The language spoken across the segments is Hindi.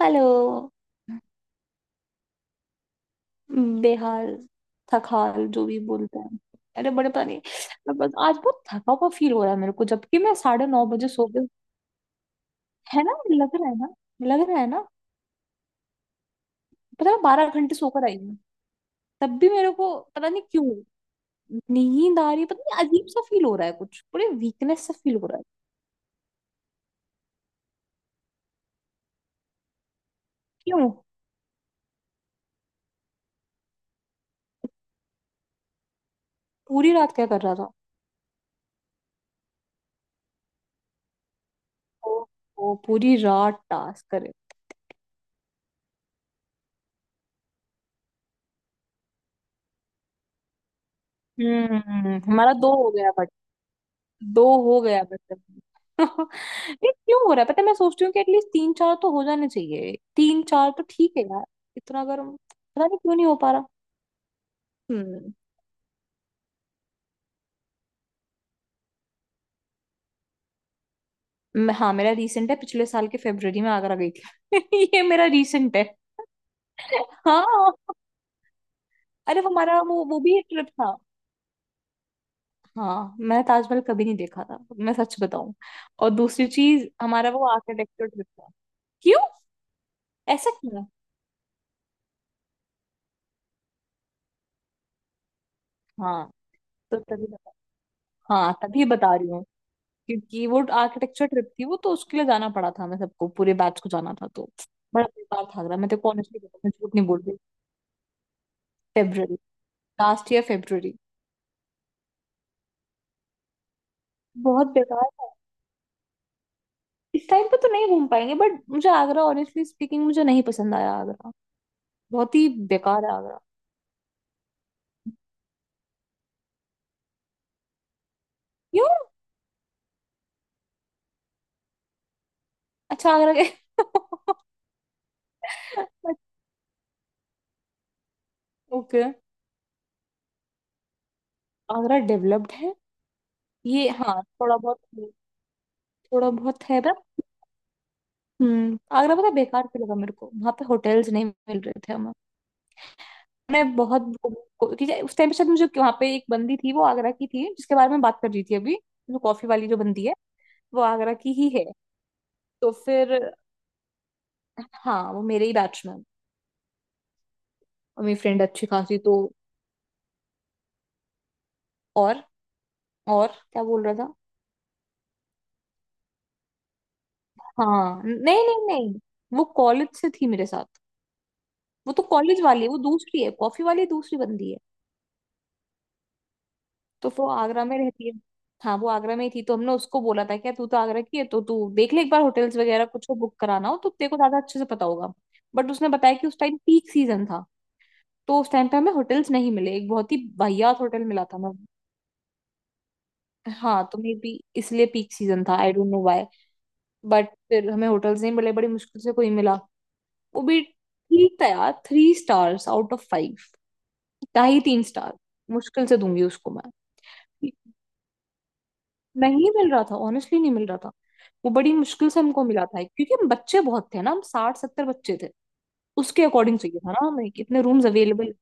हेलो। बेहाल। थकाल जो भी बोलते हैं। अरे बड़े पता नहीं। मैं बस आज बहुत थका हुआ फील हो रहा है मेरे को, जबकि मैं 9:30 बजे सो गई। है ना? लग रहा है ना? लग रहा है ना? पता है, 12 घंटे सोकर आई हूँ। तब भी मेरे को पता नहीं क्यों नींद आ रही है, पता नहीं अजीब सा फील हो रहा है, कुछ पूरे वीकनेस सा फील हो रहा है। क्यों पूरी रात क्या कर रहा था? ओ, ओ पूरी रात टास्क करे। हम्म। हमारा दो हो गया। दो हो गया मतलब। ये क्यों हो रहा है, पता है मैं सोचती हूँ कि एटलीस्ट तीन चार तो हो जाने चाहिए, तीन चार तो ठीक है यार। इतना गर्म पता नहीं क्यों नहीं हो पा रहा। हम्म। हाँ मेरा रीसेंट है, पिछले साल के फरवरी में आगरा गई थी। ये मेरा रीसेंट है। हाँ। अरे वो हमारा वो भी एक ट्रिप था। हाँ, मैं ताजमहल कभी नहीं देखा था, मैं सच बताऊं। और दूसरी चीज हमारा वो आर्किटेक्चर ट्रिप था। क्यों? ऐसा क्यों? हाँ तो तभी बता। हाँ तभी बता रही। क्योंकि वो आर्किटेक्चर ट्रिप थी, वो तो उसके लिए जाना पड़ा था हमें, सबको पूरे बैच को जाना था तो। बड़ा बेकार था रहा, मैं तेरे को ऑनेस्टली बता, मैं झूठ नहीं बोल रही। फेब्रुअरी। Last year February. बहुत बेकार था। इस टाइम पे तो नहीं घूम पाएंगे, बट मुझे आगरा, ऑनेस्टली स्पीकिंग, मुझे नहीं पसंद आया आगरा। बहुत ही बेकार है आगरा। क्यों? अच्छा आगरा गए। ओके। आगरा डेवलप्ड है? ये हाँ थोड़ा बहुत। थोड़ा बहुत है पर। हम्म, आगरा पता है बेकार क्यों लगा मेरे को, वहां पे होटल्स नहीं मिल रहे थे। मैं बहुत कि उस टाइम पे शायद मुझे वहां पे एक बंदी थी, वो आगरा की थी, जिसके बारे में बात कर रही थी अभी। जो कॉफी वाली जो बंदी है, वो आगरा की ही है। तो फिर। हाँ वो मेरे ही बैच में है। और मेरी फ्रेंड अच्छी खासी तो। और। और क्या बोल रहा था? हाँ नहीं नहीं नहीं। वो कॉलेज से थी मेरे साथ। वो तो कॉलेज वाली है, वो दूसरी है, कॉफी वाली दूसरी बंदी है। तो वो आगरा में रहती है। हाँ वो आगरा में ही थी, तो हमने उसको बोला था क्या तू तो आगरा की है तो तू देख ले एक बार, होटल्स वगैरह कुछ को बुक कराना हो तो तेरे को ज्यादा अच्छे से पता होगा। बट उसने बताया कि उस टाइम पीक सीजन था। तो उस टाइम पे हमें होटल्स नहीं मिले, एक बहुत ही वाहियात होटल मिला था हमें। हाँ तो मे बी इसलिए पीक सीजन था, I don't know why. But फिर हमें होटल्स नहीं मिले, बड़ी मुश्किल से कोई मिला। वो भी ठीक था यार, three stars out of five. ढाई तीन स्टार मुश्किल से दूंगी उसको मैं। नहीं मिल रहा था ऑनेस्टली, नहीं मिल रहा था। वो बड़ी मुश्किल से हमको मिला था, क्योंकि हम बच्चे बहुत थे ना, हम 60-70 बच्चे थे। उसके अकॉर्डिंग चाहिए था ना हमें, कितने रूम्स अवेलेबल।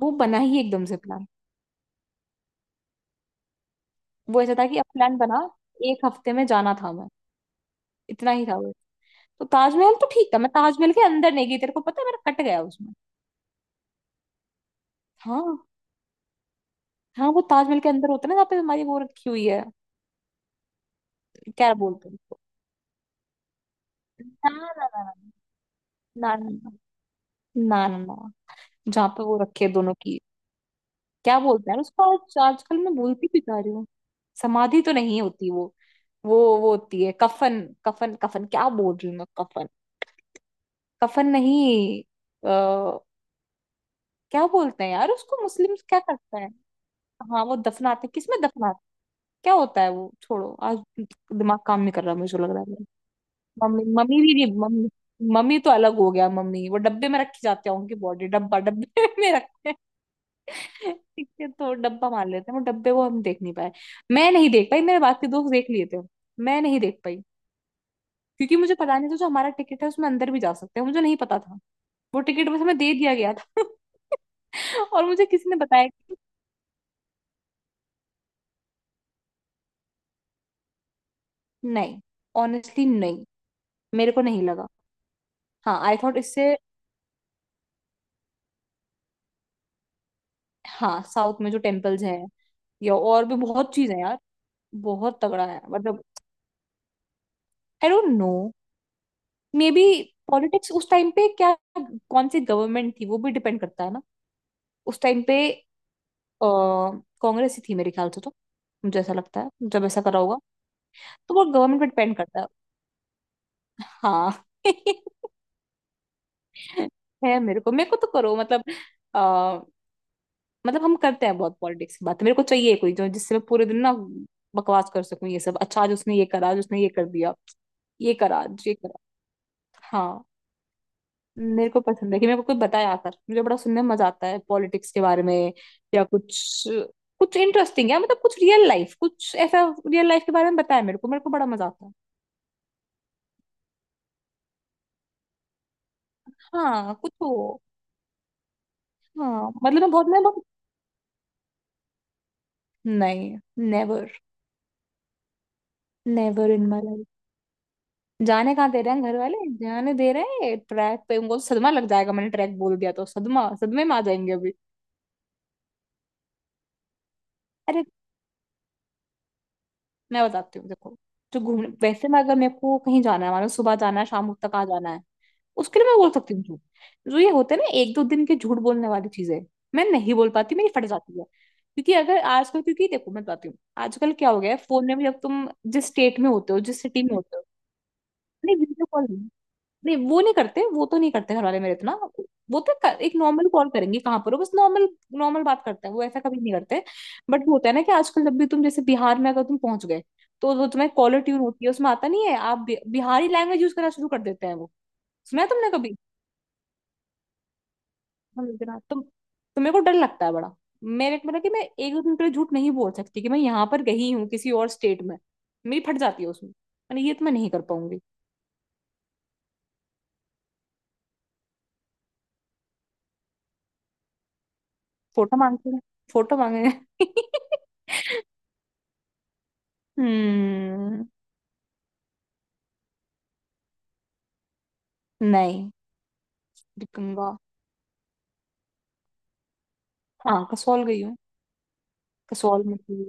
वो बना ही एकदम से प्लान। वो ऐसा था कि अब प्लान बना, एक हफ्ते में जाना था हमें, इतना ही था वो। तो ताजमहल तो ठीक था, मैं ताजमहल के अंदर नहीं गई, तेरे को पता है मेरा कट गया उसमें। हाँ। हाँ वो ताजमहल के अंदर होता है ना, जहाँ पे हमारी वो रखी हुई है। क्या बोलते हैं उसको? ना। ना। ना ना ना ना। ना ना, ना, ना, जहाँ पे वो रखे दोनों की। क्या बोलते हैं उसको, आज आजकल मैं भूलती भी जा रही हूँ। समाधि तो नहीं होती वो। वो होती है कफन। कफन कफन क्या बोल रही हूँ मैं, कफन। कफन नहीं। आ, क्या बोलते हैं यार उसको, मुस्लिम्स क्या करते हैं? हाँ वो दफनाते, किसमें दफनाते, क्या होता है वो, छोड़ो आज। दिमाग काम नहीं कर रहा, मुझे लग रहा है मेरा। मम्मी। मम्मी भी नहीं मम्मी। मम्मी तो अलग हो गया, मम्मी वो डब्बे में रखी जाते होंगे, बॉडी डब्बा डब्बे में रख। ठीक है तो डब्बा मान लेते हैं, वो डब्बे को हम देख नहीं पाए। मैं नहीं देख पाई, मेरे बाकी दोस्त देख लिए थे। मैं नहीं देख पाई। क्योंकि मुझे पता नहीं था जो हमारा टिकट है उसमें अंदर भी जा सकते हैं, मुझे नहीं पता था। वो टिकट बस हमें दे दिया गया था। और मुझे किसी ने बताया कि नहीं। ऑनेस्टली नहीं। मेरे को नहीं लगा। हाँ आई थॉट इससे। हाँ साउथ में जो टेम्पल्स हैं, या और भी बहुत चीज है यार। बहुत तगड़ा है मतलब। I don't know. Maybe politics, उस टाइम पे क्या कौन सी गवर्नमेंट थी, वो भी डिपेंड करता है ना। उस टाइम पे कांग्रेस ही थी मेरे ख्याल से तो। मुझे ऐसा लगता है जब ऐसा करा होगा। तो वो गवर्नमेंट पे डिपेंड करता है। हाँ। है, मेरे को तो करो मतलब। आ, मतलब हम करते हैं बहुत पॉलिटिक्स की बात। मेरे को चाहिए कोई जो जिससे मैं पूरे दिन ना बकवास कर सकूं, ये सब अच्छा आज उसने ये करा, आज उसने ये कर दिया, ये करा, आज ये करा। हाँ। मेरे को पसंद है कि मेरे को कोई बताए आकर, मुझे बड़ा सुनने में मजा आता है पॉलिटिक्स के बारे में। या कुछ कुछ इंटरेस्टिंग है, मतलब कुछ रियल लाइफ, कुछ ऐसा रियल लाइफ के बारे में बताया मेरे को, मेरे को बड़ा मजा आता है। हाँ कुछ हो। हाँ मतलब मैं बहुत। नहीं। Never. Never in my life. जाने कहाँ दे रहे हैं घर वाले। जाने दे रहे हैं ट्रैक पे, उनको सदमा लग जाएगा, मैंने ट्रैक बोल दिया तो सदमा, सदमे में आ जाएंगे अभी। अरे मैं बताती हूँ देखो, जो घूमने वैसे मैं अगर मेरे को कहीं जाना है, मानो सुबह जाना है शाम तक आ जाना है, उसके लिए मैं बोल सकती हूँ झूठ। जो ये होते हैं ना एक दो दिन के झूठ बोलने वाली चीजें, मैं नहीं बोल पाती, मेरी फट जाती है, क्योंकि अगर आजकल, क्योंकि देखो मैं बताती हूँ। आजकल क्या हो गया है फोन में भी, अब तुम जिस स्टेट में होते हो, जिस सिटी में होते हो। नहीं वीडियो कॉल नहीं। नहीं वो नहीं करते, वो तो नहीं करते घर वाले मेरे इतना। एक नॉर्मल कॉल करेंगे कहाँ पर हो, बस नॉर्मल। नॉर्मल बात करते हैं, वो ऐसा कभी नहीं करते। बट वो होता है ना कि आजकल जब भी तुम, जैसे बिहार में अगर तुम पहुंच गए, तो वो तुम्हें कॉलर ट्यून होती है उसमें, आता नहीं है, आप बिहारी लैंग्वेज यूज करना शुरू कर देते हैं वो। सुना है तुमने कभी? समझना तुम तो। तो मेरे को डर लगता है बड़ा। मैंने मतलब कि मैं एक दो दिन के लिए झूठ नहीं बोल सकती कि मैं यहाँ पर गई हूँ, किसी और स्टेट में। मेरी फट जाती है उसमें, मैंने ये तो, मैं नहीं कर पाऊंगी। फोटो मांगते हैं। फोटो मांगे हैं। हम्म। नहीं। गंगा। हाँ कसौल गई हूँ। कसौल मसूरी।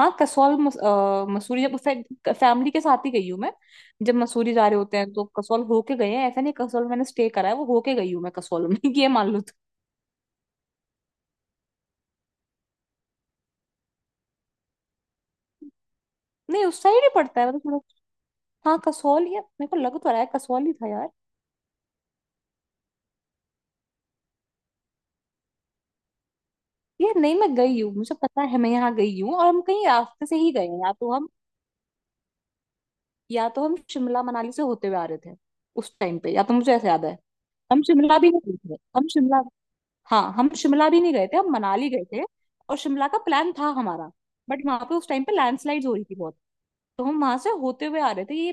हाँ कसौल मसूरी जब फैमिली के साथ ही गई हूँ मैं। जब मसूरी जा रहे होते हैं तो कसौल होके गए हैं, ऐसा नहीं, कसौल मैंने स्टे करा है, वो होके गई हूँ मैं कसौल में। ये मान लो तुम। नहीं उस साइड ही पड़ता है मतलब। हाँ कसौल, या मेरे को लग तो रहा है कसौल ही था यार। ये नहीं, मैं गई हूँ मुझे पता है मैं यहाँ गई हूँ, और हम कहीं रास्ते से ही गए हैं, या तो हम शिमला मनाली से होते हुए आ रहे थे उस टाइम पे, या तो मुझे ऐसे याद है। हम शिमला भी नहीं गए थे, हम शिमला हाँ हम शिमला भी नहीं गए थे, हम मनाली गए थे। और शिमला का प्लान था हमारा। बट वहां पे उस टाइम पे लैंडस्लाइड हो रही थी बहुत। तो हम वहां से होते हुए आ रहे थे ये।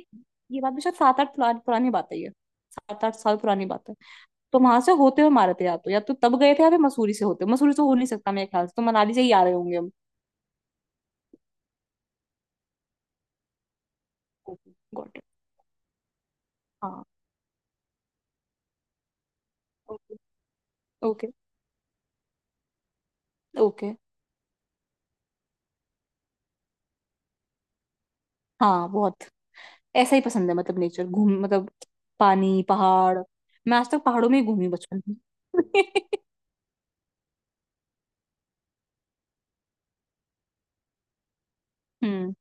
ये बात भी शायद सात आठ पुरानी पुरानी बात है ये। 7-8 साल पुरानी बात है। तो वहां से होते हुए मारे थे, या तो तब गए थे, या फिर मसूरी से होते, मसूरी से हो नहीं सकता मेरे ख्याल से, तो मनाली से ही आ रहे होंगे हम। Got it. हाँ। ओके। ओके। ओके। हाँ बहुत। ऐसा ही पसंद है मतलब नेचर, घूम मतलब पानी पहाड़। मैं आज तक पहाड़ों में ही घूमी बचपन में। हम्म।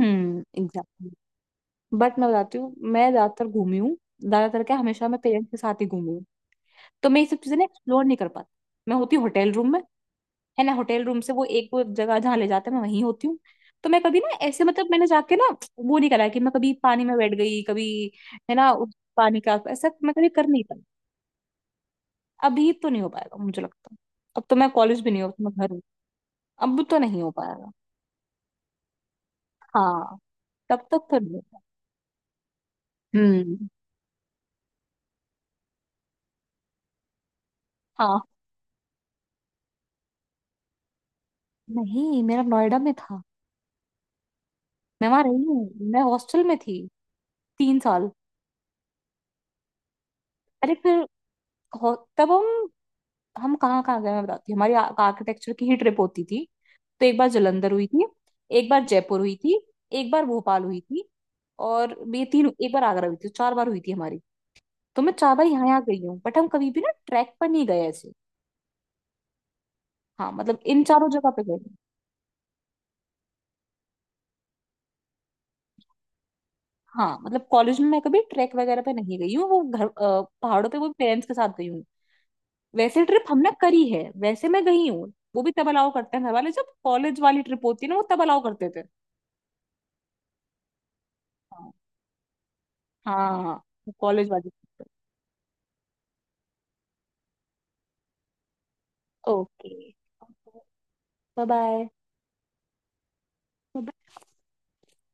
एग्जैक्टली। बट मैं बताती हूँ मैं ज्यादातर घूमी हूँ, ज्यादातर क्या हमेशा मैं पेरेंट्स के साथ ही घूमी। तो मैं ये सब चीजें ना एक्सप्लोर नहीं कर पाती, मैं होती हूँ होटल रूम में। है ना, होटल रूम से वो एक वो जगह जहाँ ले जाते हैं मैं वहीं होती हूँ। तो मैं कभी ना ऐसे, मतलब मैंने जाके ना वो नहीं करा कि मैं कभी पानी में बैठ गई कभी। है ना उस पानी का, ऐसा मैं कभी कर नहीं पाई। अभी तो नहीं हो पाएगा मुझे लगता है। अब तो मैं कॉलेज भी नहीं हूँ, अब तो मैं घर हूँ। अब तो नहीं हो पाएगा। हाँ तब तक तो नहीं हो पाएगा। हम्म। हाँ नहीं मेरा नोएडा में था। मैं वहां रही हूँ, मैं हॉस्टल में थी। 3 साल। अरे फिर। तब हम कहाँ कहाँ गए मैं बताती हूँ, हमारी आर्किटेक्चर की ही ट्रिप होती थी। तो एक बार जलंधर हुई थी, एक बार जयपुर हुई थी, एक बार भोपाल हुई थी, और ये तीन, एक बार आगरा हुई थी, तो 4 बार हुई थी हमारी। तो मैं 4 बार यहाँ यहाँ गई हूँ, बट हम कभी भी ना ट्रैक पर नहीं गए ऐसे। हाँ मतलब इन चारों जगह पे गए हैं। हाँ मतलब कॉलेज में मैं कभी ट्रैक वगैरह पे नहीं गई हूँ, वो घर पहाड़ों पे वो पेरेंट्स के साथ गई हूँ। वैसे ट्रिप हमने करी है, वैसे मैं गई हूँ, वो भी तब अलाउ करते हैं घर वाले जब कॉलेज वाली ट्रिप होती है ना, वो तब अलाउ करते थे। हाँ। हाँ हाँ, हाँ। कॉलेज वाली। ओके। Bye bye.